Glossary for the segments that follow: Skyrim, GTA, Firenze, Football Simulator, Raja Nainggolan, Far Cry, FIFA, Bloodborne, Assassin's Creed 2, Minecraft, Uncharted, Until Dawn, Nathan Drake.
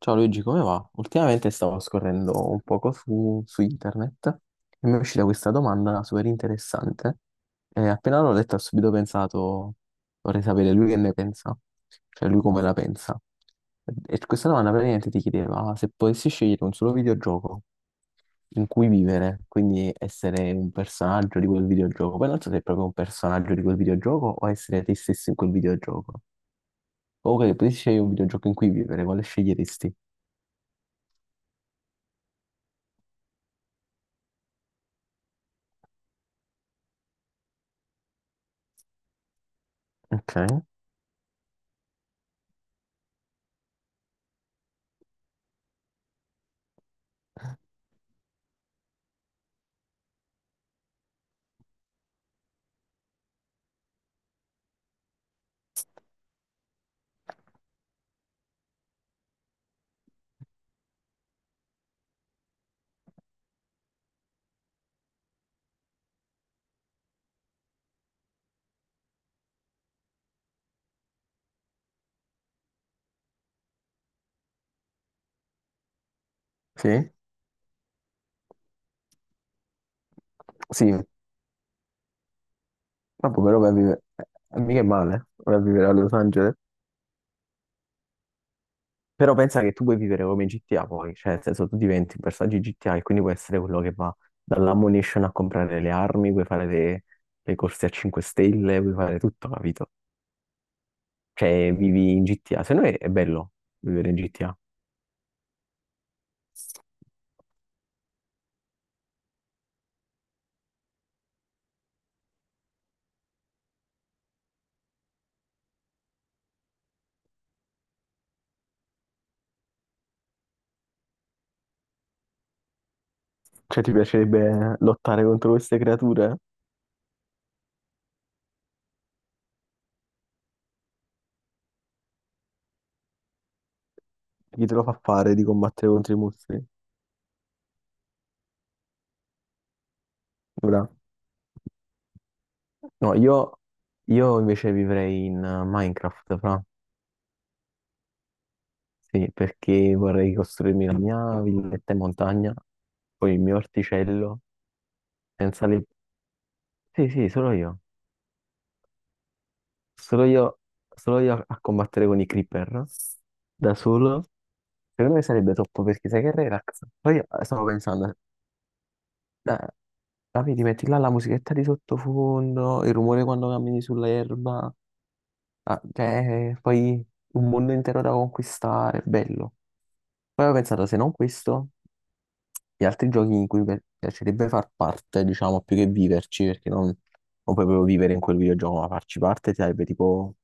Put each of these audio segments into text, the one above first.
Ciao Luigi, come va? Ultimamente stavo scorrendo un poco su internet e mi è uscita questa domanda super interessante e appena l'ho letta ho subito pensato, vorrei sapere lui che ne pensa, cioè lui come la pensa. E questa domanda praticamente ti chiedeva se potessi scegliere un solo videogioco in cui vivere, quindi essere un personaggio di quel videogioco, poi non so se è proprio un personaggio di quel videogioco o essere te stesso in quel videogioco. O che potessi scegliere un videogioco in cui vivere, quale sceglieresti? Ok, sì, sì, vabbè, però vai a vivere, mica è male, vai a vivere a Los Angeles, però pensa che tu puoi vivere come GTA poi, cioè nel senso tu diventi un personaggio GTA e quindi puoi essere quello che va dall'ammunition a comprare le armi, puoi fare le corse a 5 stelle, puoi fare tutto, capito? Cioè vivi in GTA, se no è bello vivere in GTA. Cioè ti piacerebbe lottare contro queste creature? Chi te lo fa fare di combattere contro i mostri? Bravo. No, io invece vivrei in Minecraft, fra. Sì, perché vorrei costruirmi la mia villetta in montagna, poi il mio orticello, senza le... Sì, sì, solo io. Solo io, solo io a combattere con i creeper, da solo. Secondo me sarebbe troppo, perché sai che relax. Poi stavo pensando, la, la vedi, metti là la musichetta di sottofondo, il rumore quando cammini sull'erba, ah, cioè, poi un mondo intero da conquistare, bello. Poi ho pensato, se non questo, gli altri giochi in cui mi piacerebbe far parte, diciamo, più che viverci, perché non puoi proprio vivere in quel videogioco, ma farci parte sarebbe tipo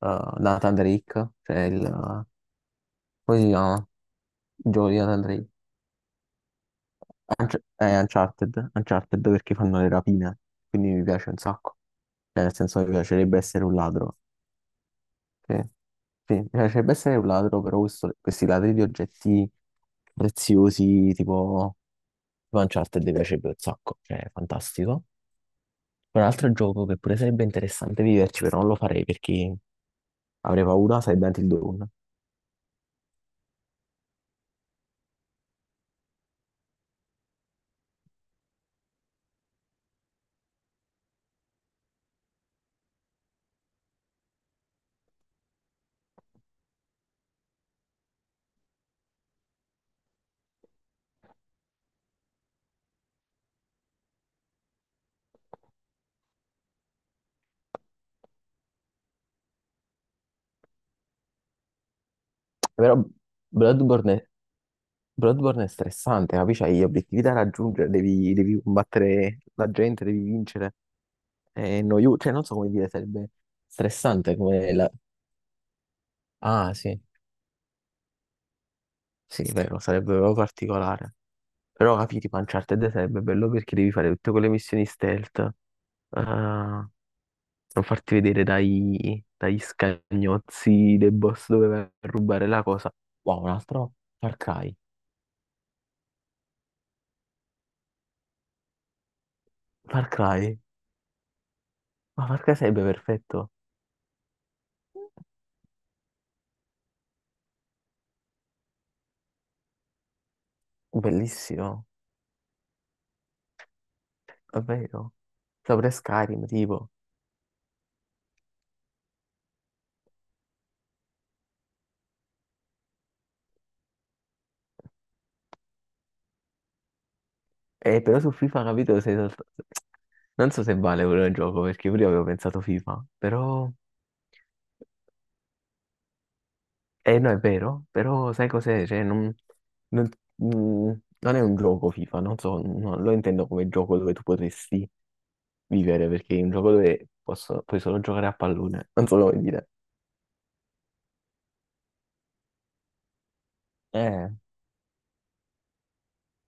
Nathan Drake, cioè il... come si chiama? Il gioco di Nathan Drake. Uncharted, Uncharted perché fanno le rapine, quindi mi piace un sacco. Cioè, nel senso, mi piacerebbe essere un ladro. Sì, sì, mi piacerebbe essere un ladro, però questi ladri di oggetti preziosi, tipo... tipo Uncharted mi piacerebbe un sacco, cioè, è fantastico. Un altro gioco che pure sarebbe interessante viverci, però non lo farei perché avrei paura, sarebbe Until Dawn. Però Bloodborne, è- Bloodborne è stressante, capisci? Hai gli obiettivi da raggiungere, devi combattere la gente, devi vincere. È noioso, cioè non so come dire, sarebbe stressante come la... Ah, sì, sì, è vero, sarebbe proprio particolare. Però capire, Uncharted sarebbe bello perché devi fare tutte quelle missioni stealth. Ah, non farti vedere dagli scagnozzi dei boss dove vai a rubare la cosa. Wow, un altro Far Cry. Far Cry? Ma Far Cry sarebbe perfetto. Bellissimo, è vero. Sopra Skyrim, tipo. Però su FIFA, capito, sei solt- non so se vale quello il gioco, perché prima avevo pensato FIFA, però... no, è vero, però sai cos'è? Cioè, non... Non, mm, non è un gioco FIFA, non so, non lo intendo come gioco dove tu potresti vivere perché è un gioco dove posso- puoi solo giocare a pallone, non so come dire. Eh,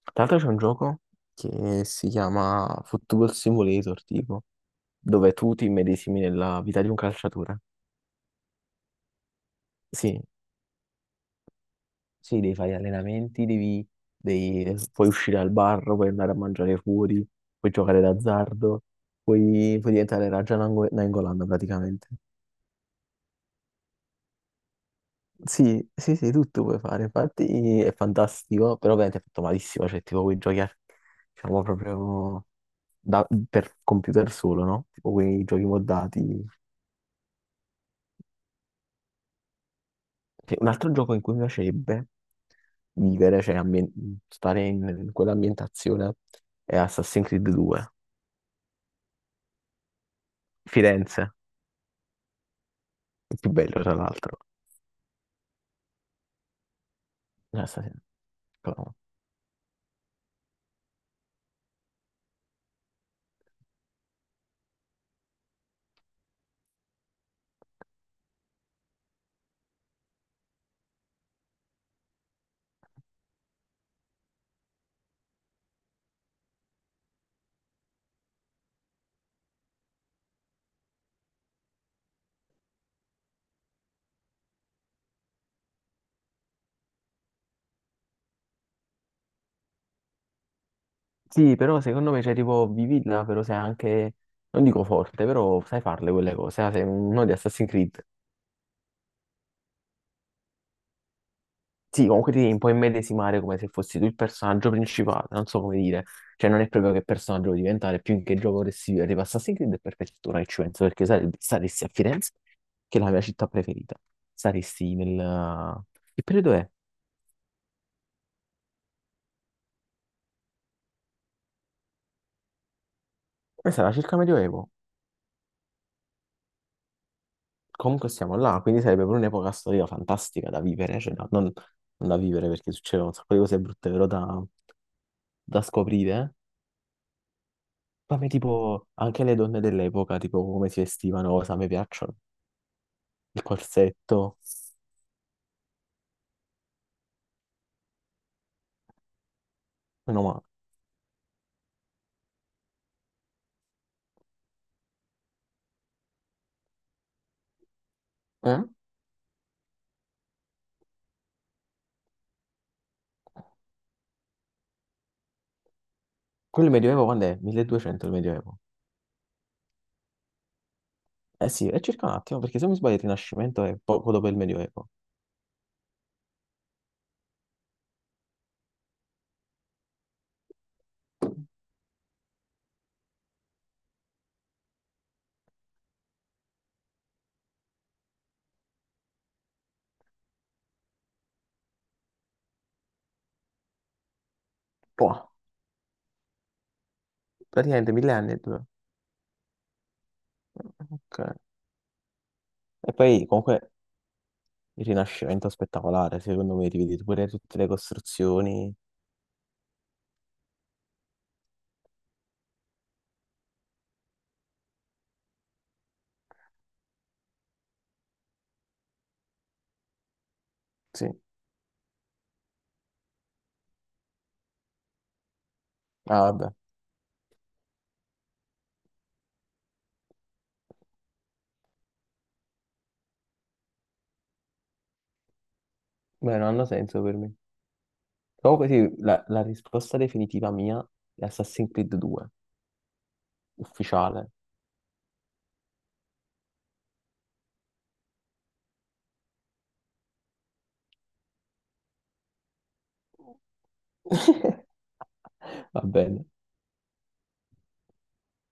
tra l'altro c'è un gioco che si chiama Football Simulator, tipo, dove tu ti immedesimi nella vita di un calciatore. Sì, sì, devi fare gli allenamenti, puoi uscire al bar, puoi andare a mangiare fuori, puoi giocare d'azzardo, puoi diventare Raja Nainggolan praticamente. Sì, sì, sì, tutto puoi fare, infatti è fantastico, però ovviamente è fatto malissimo, cioè tipo quei giochi, diciamo proprio per computer solo, no? Tipo quei giochi moddati. Cioè, un altro gioco in cui mi piacerebbe vivere, cioè stare in quell'ambientazione, è Assassin's Creed 2, Firenze, il più bello tra l'altro. Assassin's- Creed, però- Sì, però secondo me, cioè tipo, vivila, però sei anche, non dico forte, però sai farle quelle cose, ah, sei uno di Assassin's Creed. Sì, comunque ti devi un po' immedesimare come se fossi tu il personaggio principale, non so come dire, cioè non è proprio che personaggio vuoi diventare, più in che gioco vorresti vivere, tipo Assassin's Creed è perfetto, ora che ci penso, perché saresti a Firenze, che è la mia città preferita, saresti nel... Che periodo è? Sarà circa Medioevo, comunque siamo là, quindi sarebbe pure un'epoca storica fantastica da vivere, cioè non da vivere perché succedono un sacco di cose brutte, però da scoprire, ma a me tipo anche le donne dell'epoca, tipo come si vestivano, cosa mi piacciono. Il corsetto, meno male. Eh? Quello del Medioevo quando è? 1200 il Medioevo. Eh sì, è circa un attimo, perché se non mi sbaglio il Rinascimento è poco dopo il Medioevo. Boh, praticamente mille anni e due. Ok. E poi comunque il Rinascimento è spettacolare, secondo me, ti vedi pure tutte le costruzioni. Sì. Ah, vabbè. Beh, non hanno senso per me. Comunque sì, la risposta definitiva mia è Assassin's Creed 2, ufficiale. Va bene.